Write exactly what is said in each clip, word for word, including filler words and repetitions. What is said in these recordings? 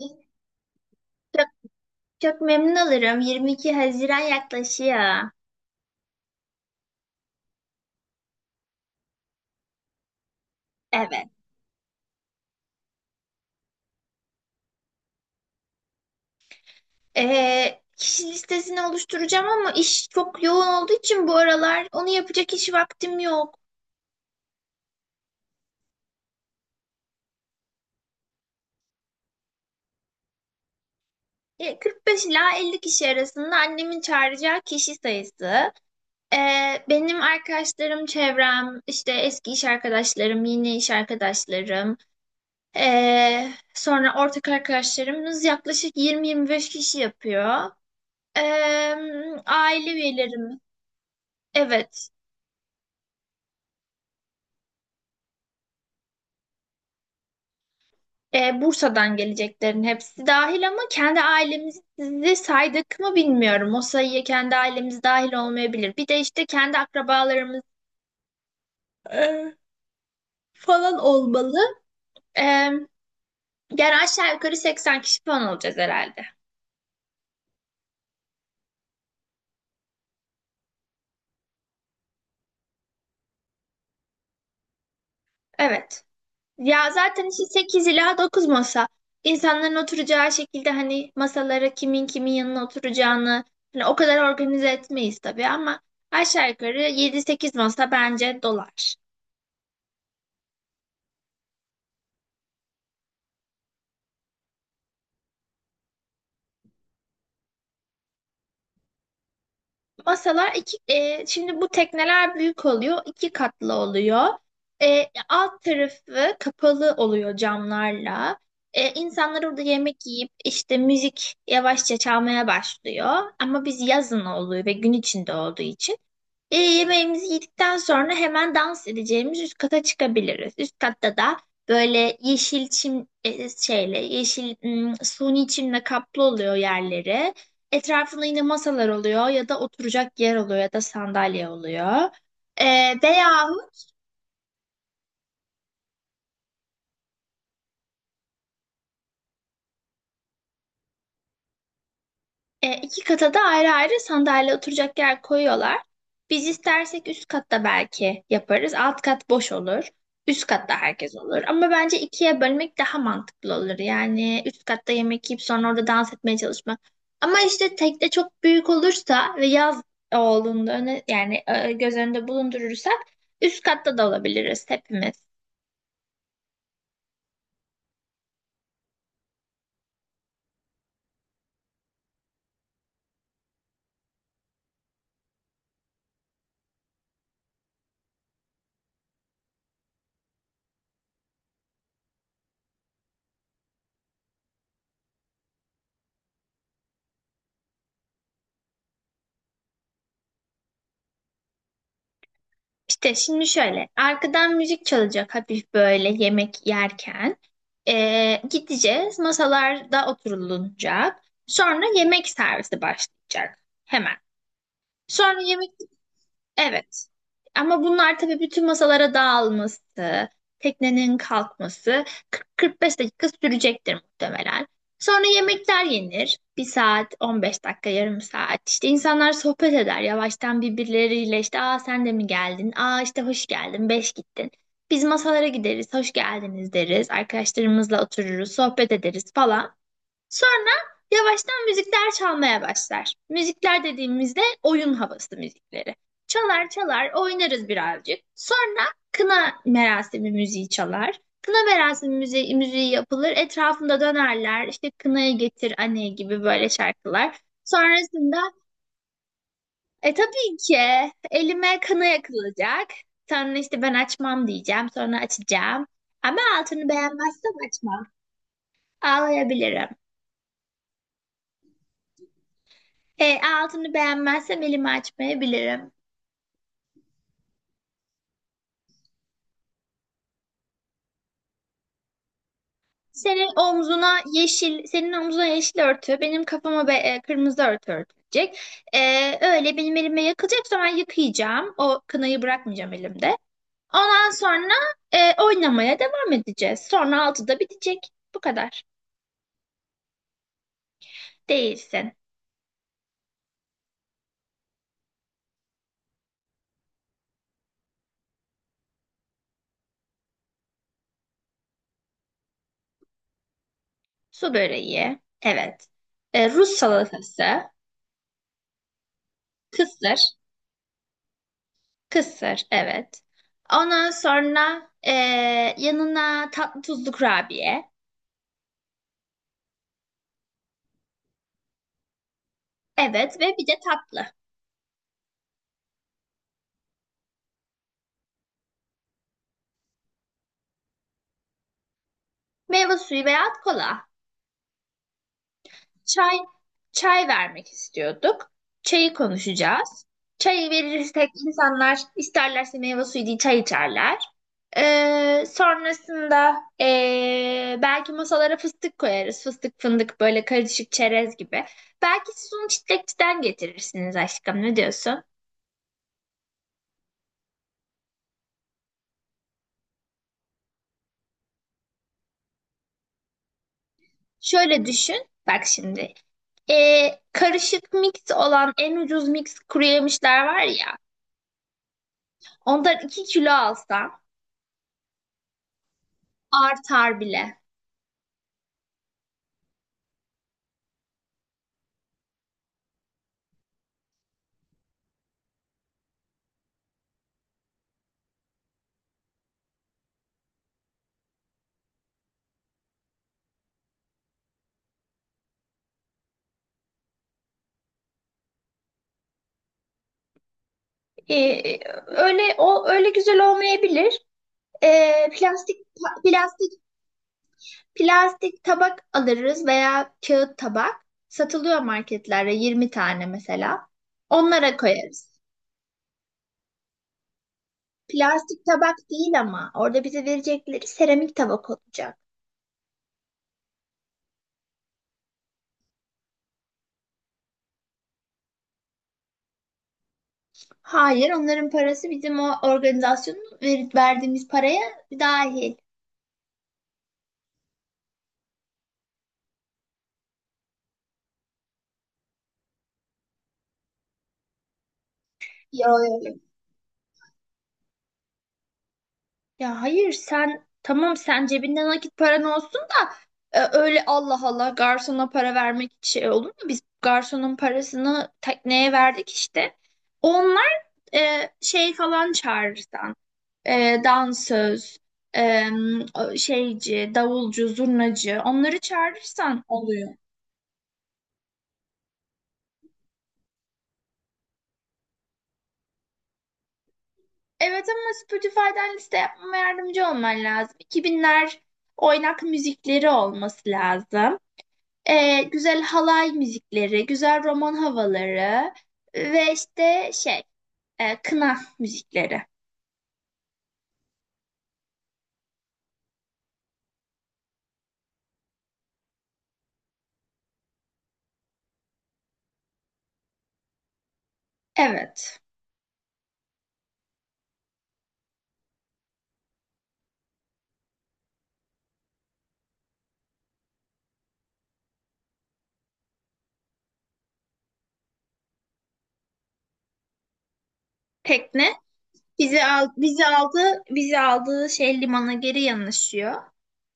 Çok, çok memnun olurum. yirmi iki Haziran yaklaşıyor. Evet. Ee, kişi listesini oluşturacağım ama iş çok yoğun olduğu için bu aralar onu yapacak hiç vaktim yok. Ee, kırk beş ila elli kişi arasında annemin çağıracağı kişi sayısı. Ee, benim arkadaşlarım, çevrem, işte eski iş arkadaşlarım, yeni iş arkadaşlarım, ee, sonra ortak arkadaşlarımız yaklaşık yirmi yirmi beş kişi yapıyor. Ee, Aile üyelerim. Evet. E, Bursa'dan geleceklerin hepsi dahil ama kendi ailemizi saydık mı bilmiyorum. O sayıya kendi ailemiz dahil olmayabilir. Bir de işte kendi akrabalarımız e, falan olmalı. E, Yani aşağı yukarı seksen kişi falan olacağız herhalde. Evet. Ya zaten işte sekiz ila dokuz masa. İnsanların oturacağı şekilde hani masalara kimin kimin yanına oturacağını hani o kadar organize etmeyiz tabii ama aşağı yukarı yedi sekiz masa bence dolar. Masalar iki, e, şimdi bu tekneler büyük oluyor, iki katlı oluyor. E, alt tarafı kapalı oluyor camlarla. E, insanlar orada yemek yiyip işte müzik yavaşça çalmaya başlıyor. Ama biz yazın oluyor ve gün içinde olduğu için. E, yemeğimizi yedikten sonra hemen dans edeceğimiz üst kata çıkabiliriz. Üst katta da böyle yeşil çim e, şeyle yeşil mm, suni çimle kaplı oluyor yerleri. Etrafında yine masalar oluyor ya da oturacak yer oluyor ya da sandalye oluyor. E, Veya E, iki kata da ayrı ayrı sandalye oturacak yer koyuyorlar. Biz istersek üst katta belki yaparız. Alt kat boş olur. Üst katta herkes olur. Ama bence ikiye bölmek daha mantıklı olur. Yani üst katta yemek yiyip sonra orada dans etmeye çalışmak. Ama işte tekne çok büyük olursa ve yaz olduğunda öne, yani e, göz önünde bulundurursak üst katta da olabiliriz hepimiz. İşte şimdi şöyle arkadan müzik çalacak hafif böyle yemek yerken. Ee, gideceğiz masalarda oturulacak sonra yemek servisi başlayacak hemen sonra yemek. Evet. Ama bunlar tabii bütün masalara dağılması, teknenin kalkması kırk kırk beş dakika sürecektir muhtemelen. Sonra yemekler yenir. Bir saat, on beş dakika, yarım saat. İşte insanlar sohbet eder yavaştan birbirleriyle. İşte aa sen de mi geldin? Aa işte hoş geldin, beş gittin. Biz masalara gideriz, hoş geldiniz deriz. Arkadaşlarımızla otururuz, sohbet ederiz falan. Sonra yavaştan müzikler çalmaya başlar. Müzikler dediğimizde oyun havası müzikleri. Çalar çalar oynarız birazcık. Sonra kına merasimi müziği çalar. Kına merasimi müziği, müziği yapılır. Etrafında dönerler. İşte kınayı getir anne gibi böyle şarkılar. Sonrasında e tabii ki elime kına yakılacak. Sonra işte ben açmam diyeceğim. Sonra açacağım. Ama altını beğenmezsem açmam. Ağlayabilirim. E, altını beğenmezsem elimi açmayabilirim. Senin omzuna yeşil, senin omzuna yeşil örtü, benim kafama be, e, kırmızı örtü örtülecek. E, Öyle benim elime yakılacaksa ben yıkayacağım. O kınayı bırakmayacağım elimde. Ondan sonra e, oynamaya devam edeceğiz. Sonra altıda bitecek. Bu kadar. Değilsin. Su böreği. Evet. E, Rus salatası. Kısır. Kısır. Evet. Ondan sonra e, yanına tatlı tuzlu kurabiye. Evet ve bir de tatlı. Meyve suyu veya kola. Çay, çay vermek istiyorduk. Çayı konuşacağız. Çayı verirsek insanlar isterlerse meyve suyu değil çay içerler. Ee, sonrasında ee, belki masalara fıstık koyarız. Fıstık fındık böyle karışık çerez gibi. Belki siz onu çitlekçiden getirirsiniz aşkım ne diyorsun? Şöyle düşün. Bak şimdi. Ee, karışık mix olan en ucuz mix kuru yemişler var ya. Ondan iki kilo alsam artar bile. Ee, Öyle o öyle güzel olmayabilir. Ee, plastik plastik plastik tabak alırız veya kağıt tabak. Satılıyor marketlerde yirmi tane mesela. Onlara koyarız. Plastik tabak değil ama orada bize verecekleri seramik tabak olacak. Hayır, onların parası bizim o organizasyonun ver- verdiğimiz paraya dahil. Yo, yo, Ya hayır sen tamam sen cebinde nakit paran olsun da e, öyle Allah Allah garsona para vermek şey olur mu? Biz garsonun parasını tekneye verdik işte. Onlar e, şey falan çağırırsan, e, dansöz, e, şeyci, davulcu, zurnacı onları çağırırsan oluyor. Evet ama Spotify'dan liste yapmama yardımcı olman lazım. iki Binler oynak müzikleri olması lazım. Ee, güzel halay müzikleri, güzel roman havaları e, ve işte şey, e, kına müzikleri. Evet. Tekne bizi al bizi aldı, bizi aldığı şey limana geri yanaşıyor.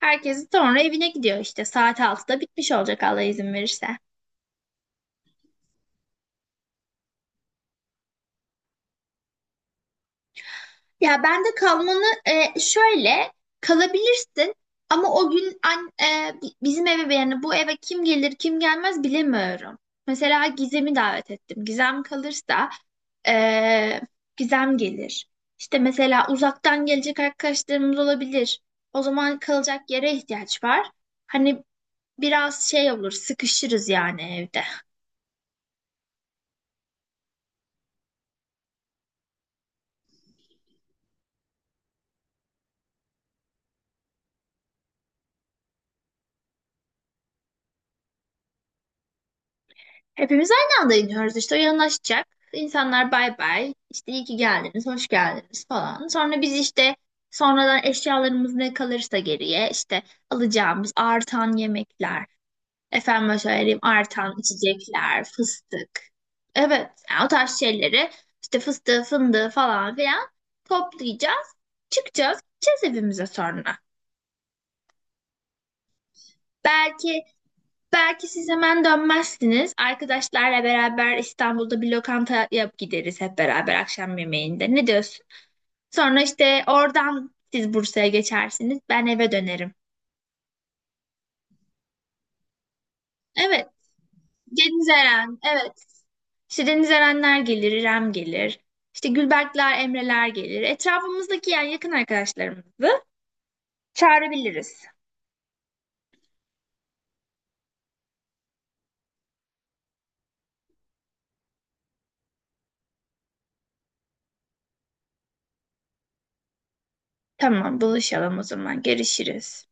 Herkes sonra evine gidiyor işte saat altıda bitmiş olacak Allah izin verirse. Ya ben de kalmanı e, şöyle kalabilirsin ama o gün an, e, bi- bizim eve yani bu eve kim gelir kim gelmez bilemiyorum. Mesela Gizem'i davet ettim. Gizem kalırsa e, Gizem gelir. İşte mesela uzaktan gelecek arkadaşlarımız olabilir. O zaman kalacak yere ihtiyaç var. Hani biraz şey olur sıkışırız yani evde. Hepimiz aynı anda iniyoruz işte o yanaşacak. İnsanlar bay bay işte iyi ki geldiniz, hoş geldiniz falan. Sonra biz işte sonradan eşyalarımız ne kalırsa geriye işte alacağımız artan yemekler, efendim söyleyeyim artan içecekler, fıstık. Evet yani o tarz şeyleri işte fıstığı, fındığı falan filan toplayacağız. Çıkacağız, gideceğiz evimize sonra. Belki Belki siz hemen dönmezsiniz. Arkadaşlarla beraber İstanbul'da bir lokanta yap gideriz hep beraber akşam yemeğinde. Ne diyorsun? Sonra işte oradan siz Bursa'ya geçersiniz. Ben eve dönerim. Evet. Deniz Eren. Evet. İşte Deniz Erenler gelir, İrem gelir. İşte Gülberkler, Emreler gelir. Etrafımızdaki yani yakın arkadaşlarımızı çağırabiliriz. Tamam, buluşalım o zaman. Görüşürüz.